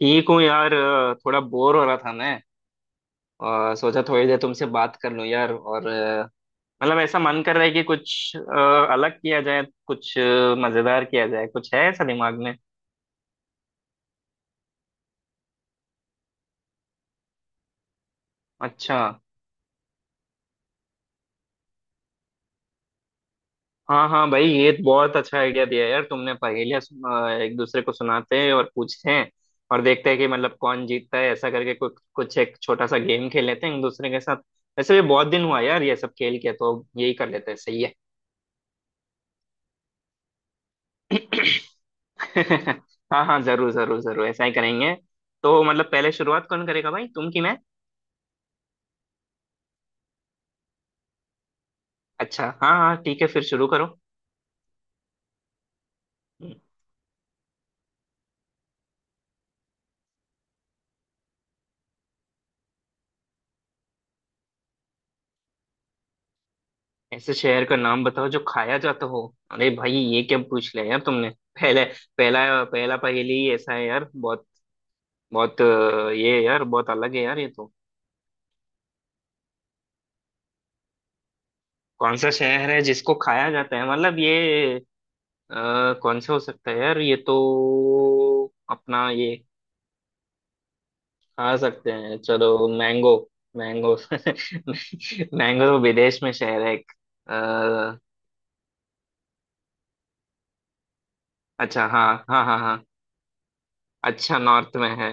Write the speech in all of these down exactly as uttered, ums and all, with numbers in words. ठीक हूँ यार, अ, थोड़ा बोर हो रहा था मैं। और सोचा थोड़ी देर तुमसे बात कर लूँ यार, और अ, मतलब ऐसा मन कर रहा है कि कुछ अ, अलग किया जाए, कुछ अ, मजेदार किया जाए, कुछ है ऐसा दिमाग में। अच्छा। हाँ हाँ भाई, ये तो बहुत अच्छा आइडिया दिया यार तुमने। पहेलियाँ सुन- अ, एक दूसरे को सुनाते हैं और पूछते हैं, और देखते हैं कि मतलब कौन जीतता है, ऐसा करके कुछ कुछ एक छोटा सा गेम खेल लेते हैं एक दूसरे के साथ। वैसे भी बहुत दिन हुआ यार ये सब खेल के, तो यही कर लेते हैं, सही है। हाँ हाँ, जरूर जरूर जरूर, ऐसा ही करेंगे। तो मतलब पहले शुरुआत कौन करेगा भाई, तुम कि मैं? अच्छा, हाँ हाँ, ठीक है, फिर शुरू करो। हम्म। ऐसे शहर का नाम बताओ जो खाया जाता हो। अरे भाई, ये क्या पूछ लिया यार तुमने पहले। पहला पहला पहेली ही ऐसा है यार, बहुत बहुत अ, ये यार, बहुत अलग है यार ये तो। कौन सा शहर है जिसको खाया जाता है, मतलब ये अ, कौन सा हो सकता है यार ये तो। अपना ये आ सकते हैं, चलो मैंगो। मैंगो। मैंगो विदेश में शहर है एक। अ, अच्छा, हाँ हाँ हाँ हाँ। अच्छा, नॉर्थ में है।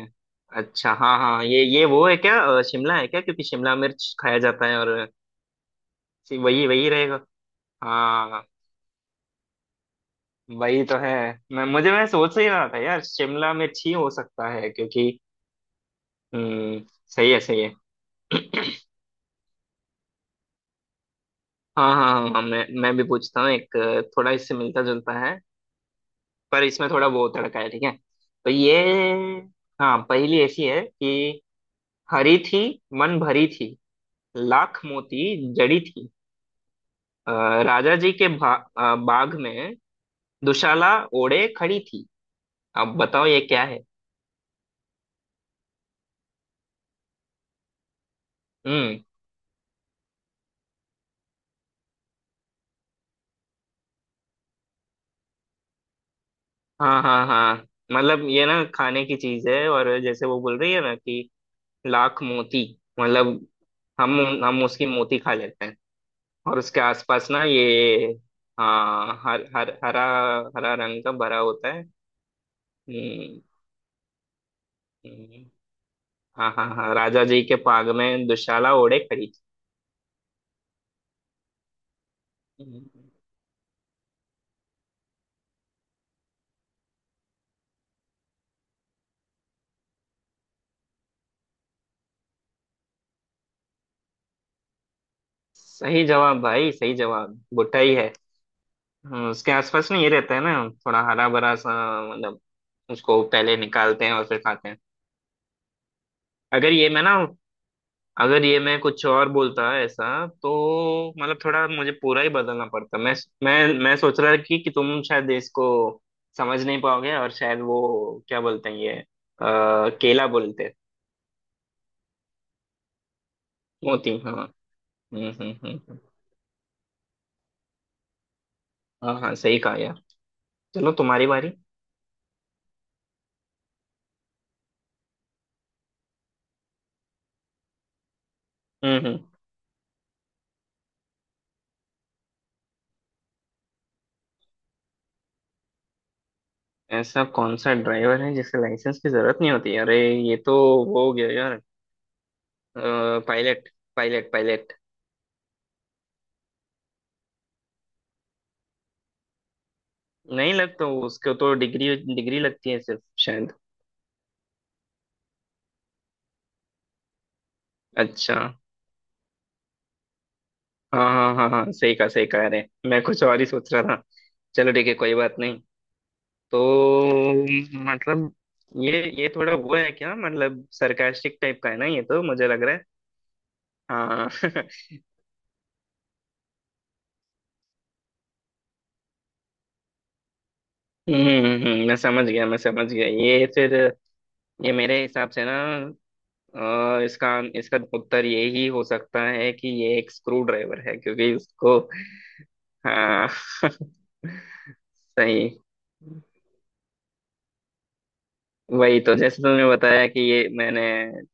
अच्छा हाँ हाँ, ये ये वो है क्या, अ, शिमला है क्या? क्योंकि शिमला मिर्च खाया जाता है, और सी- वही वही रहेगा। हाँ। वही तो है। मैं मुझे मैं सोच ही रहा था यार, शिमला मिर्च ही हो सकता है क्योंकि। हम्म। सही है, सही है। हाँ हाँ हाँ हाँ, मैं मैं भी पूछता हूँ एक, अ, थोड़ा इससे मिलता जुलता है, पर इसमें थोड़ा वो तड़का है, ठीक है। तो ये, हाँ, पहेली ऐसी है कि हरी थी, मन भरी थी, लाख मोती जड़ी थी। अ, राजा जी के भा, अ, बाग में दुशाला ओढ़े खड़ी थी। अब बताओ ये क्या है? हम्म। हाँ हाँ हाँ, मतलब ये ना खाने की चीज है, और जैसे वो बोल रही है ना कि लाख मोती, मतलब हम हम उसकी मोती खा लेते हैं, और उसके आसपास ना ये, हाँ, हर हर हरा, हरा रंग का भरा होता है। हम्म, हम्म। हाँ हाँ हाँ, राजा जी के पाग में दुशाला ओढ़े खड़ी थी। हम्म। सही जवाब भाई, सही जवाब, बुट्टा ही है। हम्म, उसके आसपास ना ये रहता है ना, थोड़ा हरा भरा सा। मतलब उसको पहले निकालते हैं और फिर खाते हैं। अगर ये मैं ना, अगर ये मैं कुछ और बोलता ऐसा, तो मतलब थोड़ा मुझे पूरा ही बदलना पड़ता। मैं मैं मैं सोच रहा कि कि तुम शायद इसको समझ नहीं पाओगे, और शायद वो क्या बोलते हैं ये, आ, केला बोलते हैं। मोती, हाँ। हम्म हम्म हम्म हम्म। हाँ हाँ, सही कहा यार। चलो, तुम्हारी बारी। हम्म हम्म। ऐसा कौन सा ड्राइवर है जिसे लाइसेंस की जरूरत नहीं होती? अरे, ये तो वो हो गया यार। पायलट। Pilot, pilot. नहीं लगता, उसको तो डिग्री डिग्री लगती है सिर्फ शायद। अच्छा। हाँ। हाँ हाँ हाँ, सही कहा, सही कहा, अरे मैं कुछ और ही सोच रहा था। चलो ठीक है, कोई बात नहीं। तो मतलब, ये ये थोड़ा वो है क्या, मतलब सरकास्टिक टाइप का है ना, ये तो मुझे लग रहा है। हाँ हम्म हम्म, हम्म, मैं समझ गया, मैं समझ गया ये फिर। ये मेरे हिसाब से ना, अ, इसका इसका उत्तर ये ही हो सकता है कि ये एक स्क्रू ड्राइवर है, क्योंकि उसको, हाँ सही। वही तो, जैसे तुमने बताया कि ये मैंने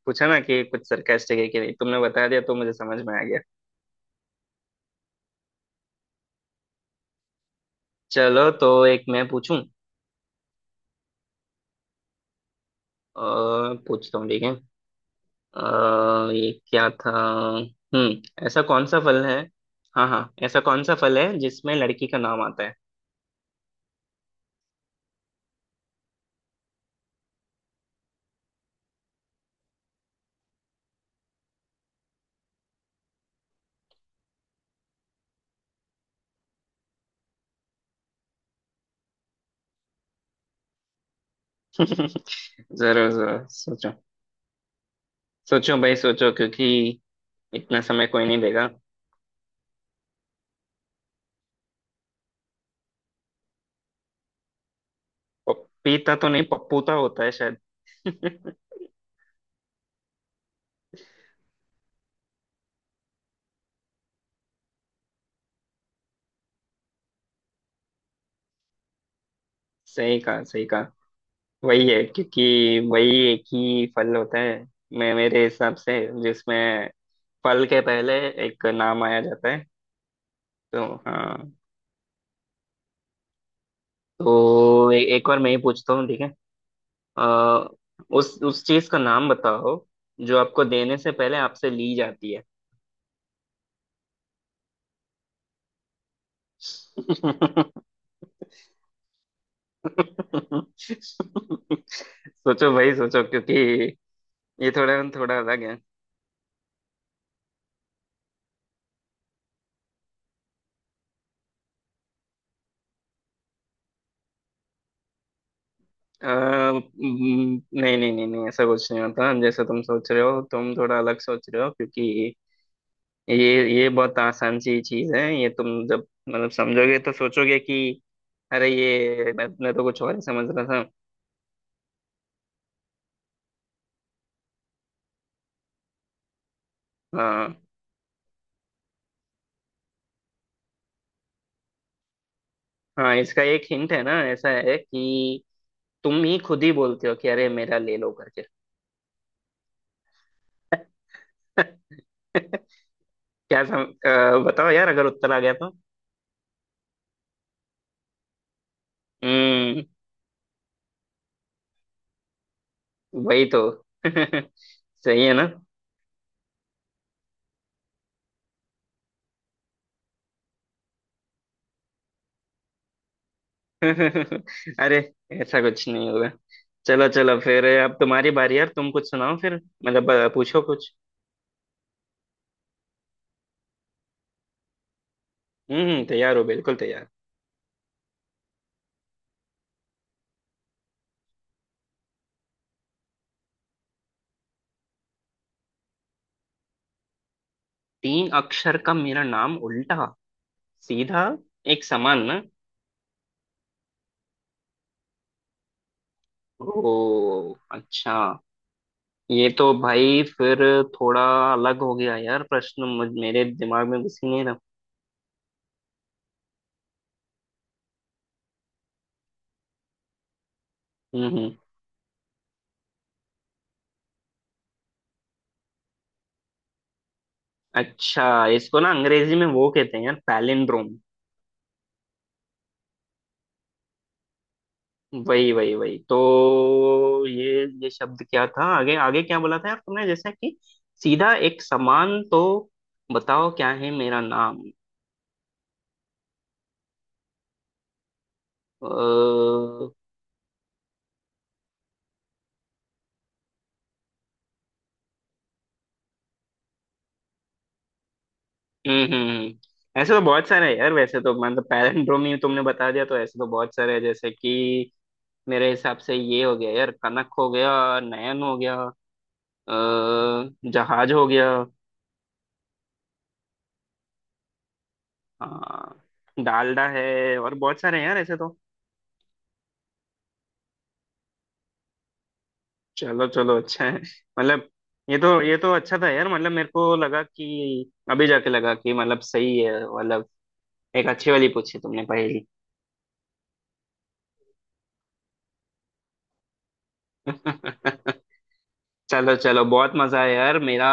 पूछा ना कि कुछ सरकास्टिक है कि नहीं, तुमने बता दिया तो मुझे समझ में आ गया। चलो तो एक मैं पूछूं। अ, पूछता हूँ, ठीक है। अ, ये क्या था? हम्म ऐसा कौन सा फल है, हाँ हाँ, ऐसा कौन सा फल है जिसमें लड़की का नाम आता है? जरूर जरूर, सोचो। सोचो भाई सोचो, क्योंकि इतना समय कोई नहीं देगा। पपीता तो नहीं, पप्पूता होता है शायद। सही कहा, सही कहा। वही है, क्योंकि वही एक ही फल होता है मैं, मेरे हिसाब से, जिसमें फल के पहले एक नाम आया जाता है। तो हाँ, तो ए, एक बार मैं ही पूछता हूँ, ठीक है। अ, उस उस चीज का नाम बताओ जो आपको देने से पहले आपसे ली जाती है। सोचो भाई सोचो, क्योंकि ये थोड़ा थोड़ा अलग। अ, न- नहीं नहीं नहीं नहीं, ऐसा कुछ नहीं होता जैसा तुम सोच रहे हो, तुम थोड़ा अलग सोच रहे हो, क्योंकि ये ये बहुत आसान सी चीज है, ये तुम जब मतलब समझोगे तो सोचोगे कि अरे ये मैं, मैं तो कुछ और ही समझ रहा था। हाँ हाँ, इसका एक हिंट है ना, ऐसा है कि तुम ही खुद ही बोलते हो कि अरे मेरा ले लो करके। क्या सम, अ, बताओ यार अगर उत्तर आ गया तो। हम्म। वही तो। सही है ना? अरे, ऐसा कुछ नहीं होगा। चलो चलो फिर, अब तुम्हारी बारी यार, तुम कुछ सुनाओ फिर, मतलब अ, पूछो कुछ। हम्म तैयार हो, बिल्कुल तैयार। तीन अक्षर का मेरा नाम, उल्टा सीधा एक समान ना। ओ अच्छा। ये तो भाई फिर थोड़ा अलग हो गया यार प्रश्न, मुझ मेरे दिमाग में घुस ही नहीं रहा। हम्म हम्म। अच्छा, इसको ना अंग्रेजी में वो कहते हैं यार पैलिंड्रोम। वही वही वही तो, ये ये शब्द क्या था, आगे आगे क्या बोला था यार तुमने, जैसा कि सीधा एक समान, तो बताओ क्या है मेरा नाम? अ, हम्म। हम्म, हम्म। ऐसे तो बहुत सारे हैं यार वैसे तो, मतलब पैलिंड्रोमी तुमने बता दिया तो ऐसे तो बहुत सारे हैं, जैसे कि मेरे हिसाब से ये हो गया यार, कनक हो गया, नयन हो गया, अ, जहाज हो गया। हाँ, डालडा है, और बहुत सारे हैं यार ऐसे तो। चलो चलो, अच्छा है। मतलब ये तो, ये तो अच्छा था यार, मतलब मेरे को लगा कि अभी जाके लगा कि मतलब सही है, मतलब एक अच्छी वाली पूछी तुमने पहेली। चलो चलो, बहुत मजा आया यार मेरा।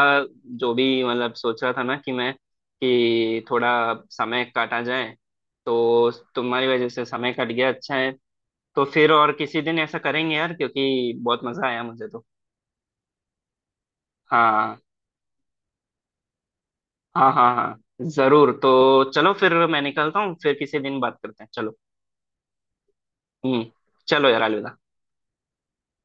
जो भी मतलब सोच रहा था ना कि मैं कि थोड़ा समय काटा जाए, तो तुम्हारी वजह से समय कट गया, अच्छा है। तो फिर और किसी दिन ऐसा करेंगे यार, क्योंकि बहुत मजा आया मुझे तो। हाँ हाँ हाँ हाँ, जरूर, तो चलो फिर, मैं निकलता हूँ, फिर किसी दिन बात करते हैं, चलो। हम्म। चलो यार, अलविदा।